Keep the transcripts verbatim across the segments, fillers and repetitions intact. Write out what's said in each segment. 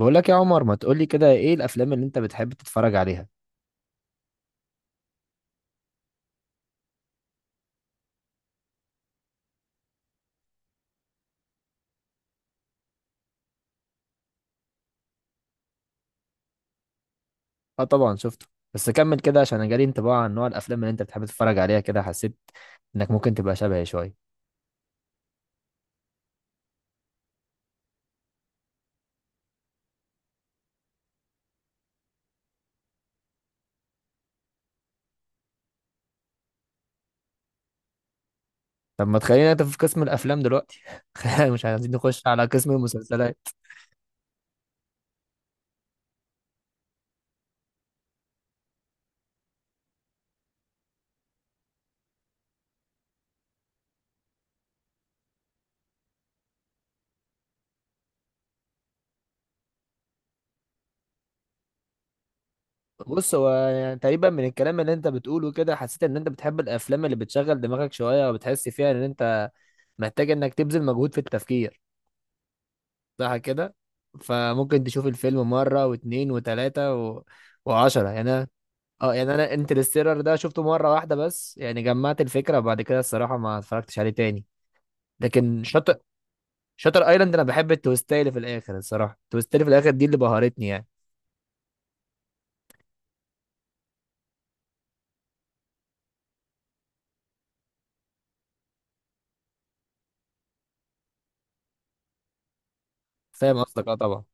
بقول لك يا عمر، ما تقول لي كده، ايه الافلام اللي انت بتحب تتفرج عليها؟ اه طبعا شفته. بس كمل كده عشان انا جالي انطباع عن نوع الافلام اللي انت بتحب تتفرج عليها، كده حسيت انك ممكن تبقى شبهي شويه. طب ما تخلينا انت في قسم الافلام دلوقتي خلينا مش عايزين نخش على قسم المسلسلات. بص، هو يعني تقريبا من الكلام اللي انت بتقوله كده حسيت ان انت بتحب الافلام اللي بتشغل دماغك شويه، وبتحس فيها ان انت محتاج انك تبذل مجهود في التفكير. صح كده. فممكن تشوف الفيلم مرة واتنين وتلاتة و... وعشرة يعني. اه يعني انا انترستيلر ده شفته مرة واحدة بس، يعني جمعت الفكرة وبعد كده الصراحة ما اتفرجتش عليه تاني. لكن شاطر شاطر ايلاند انا بحب التويستاية اللي في الاخر، الصراحة التويستاية اللي في الاخر دي اللي بهرتني يعني. فاهم قصدك، اه طبعا.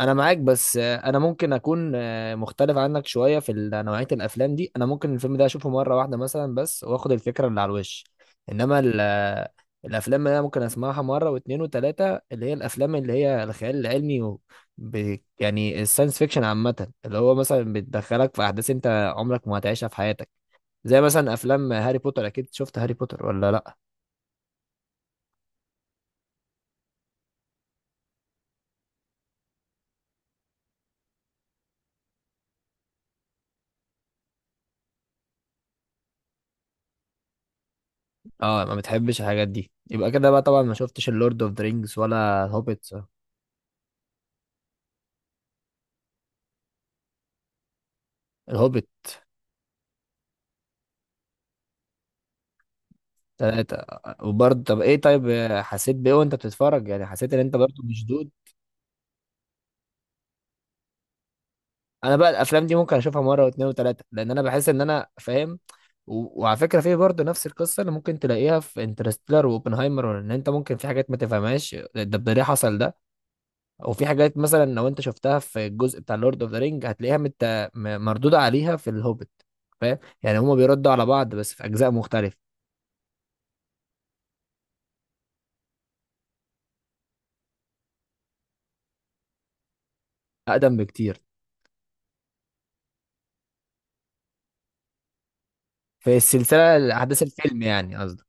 انا معاك، بس آه، انا ممكن اكون آه، مختلف عنك شويه في ال- نوعيه الافلام دي. انا ممكن الفيلم ده اشوفه مره واحده مثلا بس، واخد الفكره اللي على الوش. انما ال- آه، الافلام اللي انا ممكن اسمعها مره واتنين وتلاته، اللي هي الافلام اللي هي الخيال العلمي و... ب... يعني الساينس فيكشن عامه، اللي هو مثلا بتدخلك في احداث انت عمرك ما هتعيشها في حياتك. زي مثلا افلام هاري بوتر. اكيد شفت هاري بوتر ولا لا؟ اه ما بتحبش الحاجات دي، يبقى كده بقى طبعا ما شفتش اللورد اوف ذا رينجز ولا الهوبيت. الهوبيت تلاتة. وبرضه طب ايه؟ طيب آه، حسيت بايه وانت بتتفرج؟ يعني حسيت ان انت برضه مشدود؟ انا بقى الافلام دي ممكن اشوفها مرة واتنين وتلاتة لان انا بحس ان انا فاهم. و... وعلى فكرة، في برضه نفس القصة اللي ممكن تلاقيها في انترستيلر واوبنهايمر، ان انت ممكن في حاجات ما تفهمهاش، ده ده ليه حصل ده. وفي حاجات مثلا لو انت شفتها في الجزء بتاع لورد اوف ذا رينج هتلاقيها مت... م- مردودة عليها في الهوبيت. فاهم؟ يعني هما بيردوا على بعض بس في اجزاء مختلفة. اقدم بكتير. في السلسلة، احداث الفيلم يعني قصدي.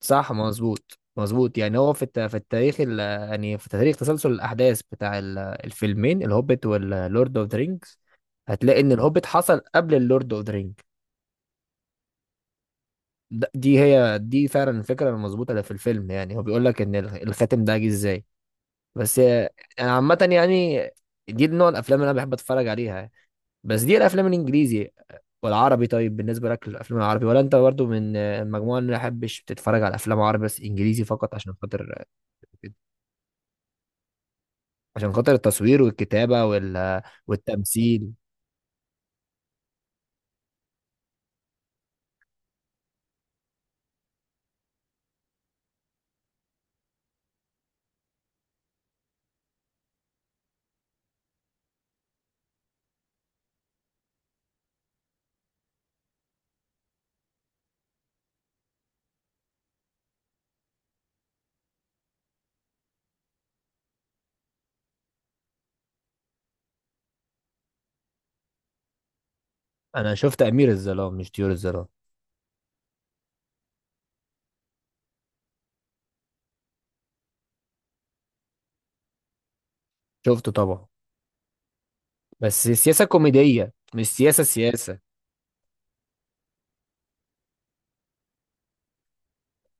صح مظبوط مظبوط، يعني هو في الت- في التاريخ ال- يعني في تاريخ تسلسل الاحداث بتاع ال- الفيلمين الهوبيت واللورد اوف ذا رينجز، هتلاقي ان الهوبيت حصل قبل اللورد اوف ذا رينج. ده- دي هي، دي فعلا الفكره المظبوطه اللي في الفيلم، يعني هو بيقول لك ان ال- الخاتم ده جه ازاي. بس آه، انا عامه يعني دي نوع الافلام اللي انا بحب اتفرج عليها. بس دي الافلام الانجليزي. والعربي؟ طيب بالنسبه لك الافلام العربي، ولا انت برضو من آه، المجموعه اللي ما بحبش بتتفرج على افلام عربي بس انجليزي فقط عشان خاطر؟ عشان خاطر التصوير والكتابة وال... والتمثيل. انا شفت امير الظلام مش طيور الظلام. شفته طبعا. بس سياسة كوميدية، مش سياسة سياسة.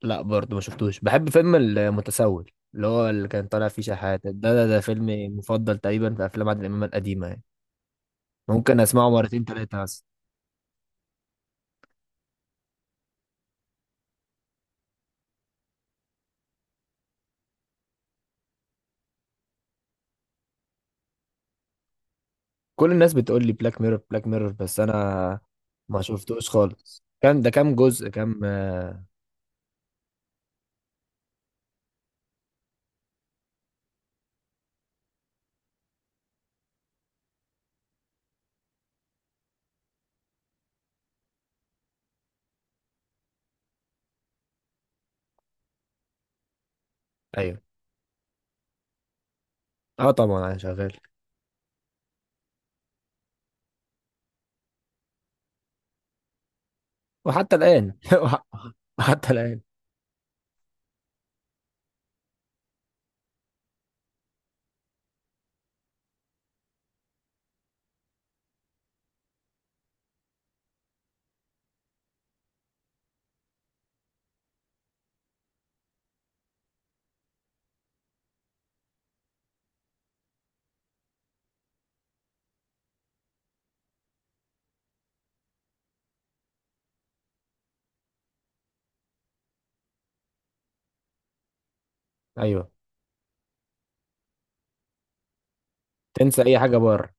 لا برضه ما شفتوش. بحب فيلم المتسول اللي هو اللي كان طالع فيه شحاتة، ده ده, ده فيلم مفضل تقريبا في افلام عادل امام القديمة يعني. ممكن اسمعه مرتين تلاتة بس. كل الناس بتقول لي بلاك ميرور بلاك ميرور، بس انا ما شفتوش خالص. كان ده كام جزء؟ كام آه، ايوه. اه طبعا انا شغال. وحتى الان وحتى الان. ايوه. تنسى اي حاجه بره.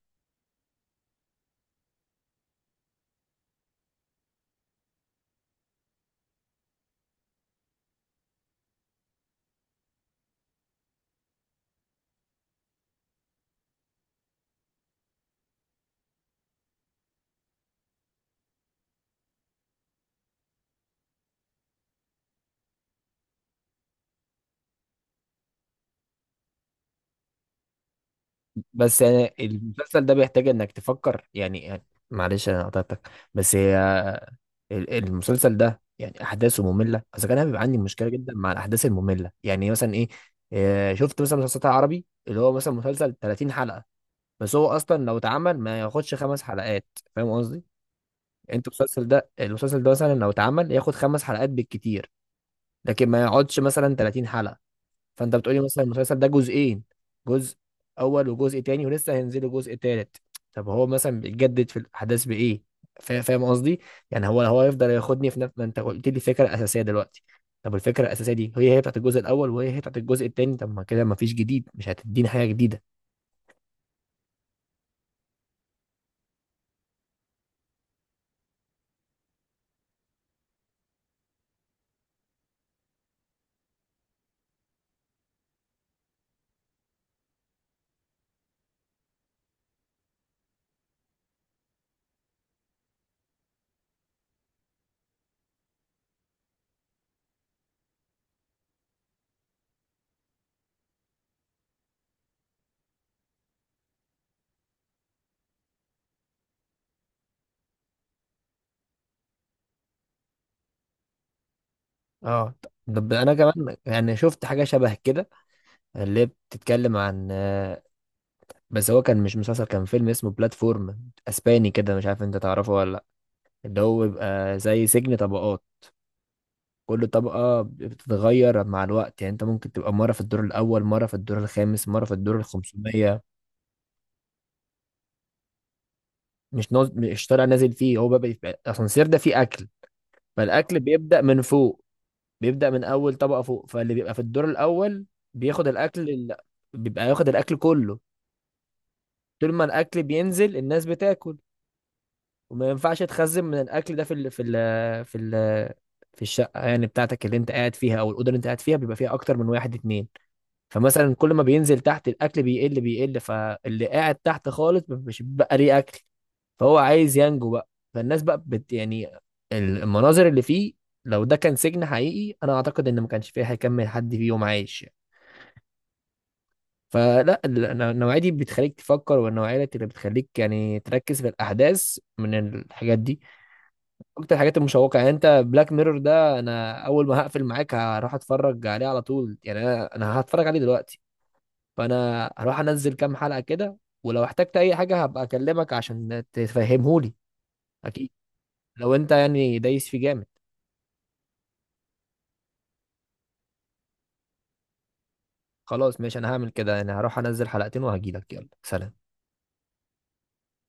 بس يعني المسلسل ده بيحتاج انك تفكر، يعني يعني معلش انا قطعتك. بس هي ال- المسلسل ده يعني احداثه ممله اذا كان. انا بيبقى عندي مشكله جدا مع الاحداث الممله. يعني مثلا ايه؟ آه، شفت مثلا مسلسلات عربي، اللي هو مثلا مسلسل ثلاثين حلقه، بس هو اصلا لو اتعمل ما ياخدش خمس حلقات. فاهم قصدي؟ انت المسلسل ده، المسلسل ده مثلا لو اتعمل ياخد خمس حلقات بالكتير، لكن ما يقعدش مثلا ثلاثين حلقه. فانت بتقولي مثلا المسلسل ده جزئين، جزء اول وجزء تاني ولسه هينزلوا جزء تالت. طب هو مثلا بيتجدد في الاحداث بايه؟ فا- فاهم قصدي؟ يعني هو هو يفضل ياخدني في نفس ما انت قلت لي فكره اساسيه دلوقتي. طب الفكره الاساسيه دي هي هي بتاعت الجزء الاول، وهي هي بتاعت الجزء التاني. طب ما كده ما فيش جديد، مش هتديني حاجه جديده. اه طب انا كمان يعني شفت حاجه شبه كده، اللي بتتكلم عن آه، بس هو كان مش مسلسل، كان فيلم اسمه بلاتفورم اسباني كده. مش عارف انت تعرفه ولا لا؟ اللي هو بيبقى زي سجن طبقات. كل طبقة بتتغير مع الوقت، يعني انت ممكن تبقى مرة في الدور الأول، مرة في الدور الخامس، مرة في الدور الخمسمية. مش ناز... مش طالع نازل فيه. هو بقى بيبقى- الأسانسير ده فيه أكل، فالأكل بيبدأ من فوق. بيبدأ من أول طبقة فوق، فاللي بيبقى في الدور الأول بياخد الأكل ال... بيبقى ياخد الأكل كله. طول ما الأكل بينزل الناس بتاكل. وما ينفعش تخزن من الأكل ده في ال... في ال... في ال... في الشقة يعني بتاعتك اللي انت قاعد فيها، أو الأوضة اللي انت قاعد فيها بيبقى فيها أكتر من واحد اتنين. فمثلا كل ما بينزل تحت، الاكل بيقل بيقل، فاللي قاعد تحت خالص مش بقى ليه اكل. فهو عايز ينجو بقى. فالناس بقى بت يعني المناظر اللي فيه، لو ده كان سجن حقيقي انا اعتقد ان ما كانش فيه هيكمل حد فيهم عايش يعني. فلا ال- النوعية دي بتخليك تفكر، والنوعية اللي بتخليك يعني تركز في الأحداث من الحاجات دي، أكتر الحاجات المشوقة. يعني أنت بلاك ميرور ده أنا أول ما هقفل معاك هروح أتفرج عليه على طول، يعني أنا أنا هتفرج عليه دلوقتي. فانا هروح انزل كام حلقة كده، ولو احتجت اي حاجة هبقى اكلمك عشان تفهمهولي. اكيد لو انت يعني دايس في جامد. خلاص ماشي، انا هعمل كده يعني، هروح انزل حلقتين وهجيلك. يلا سلام.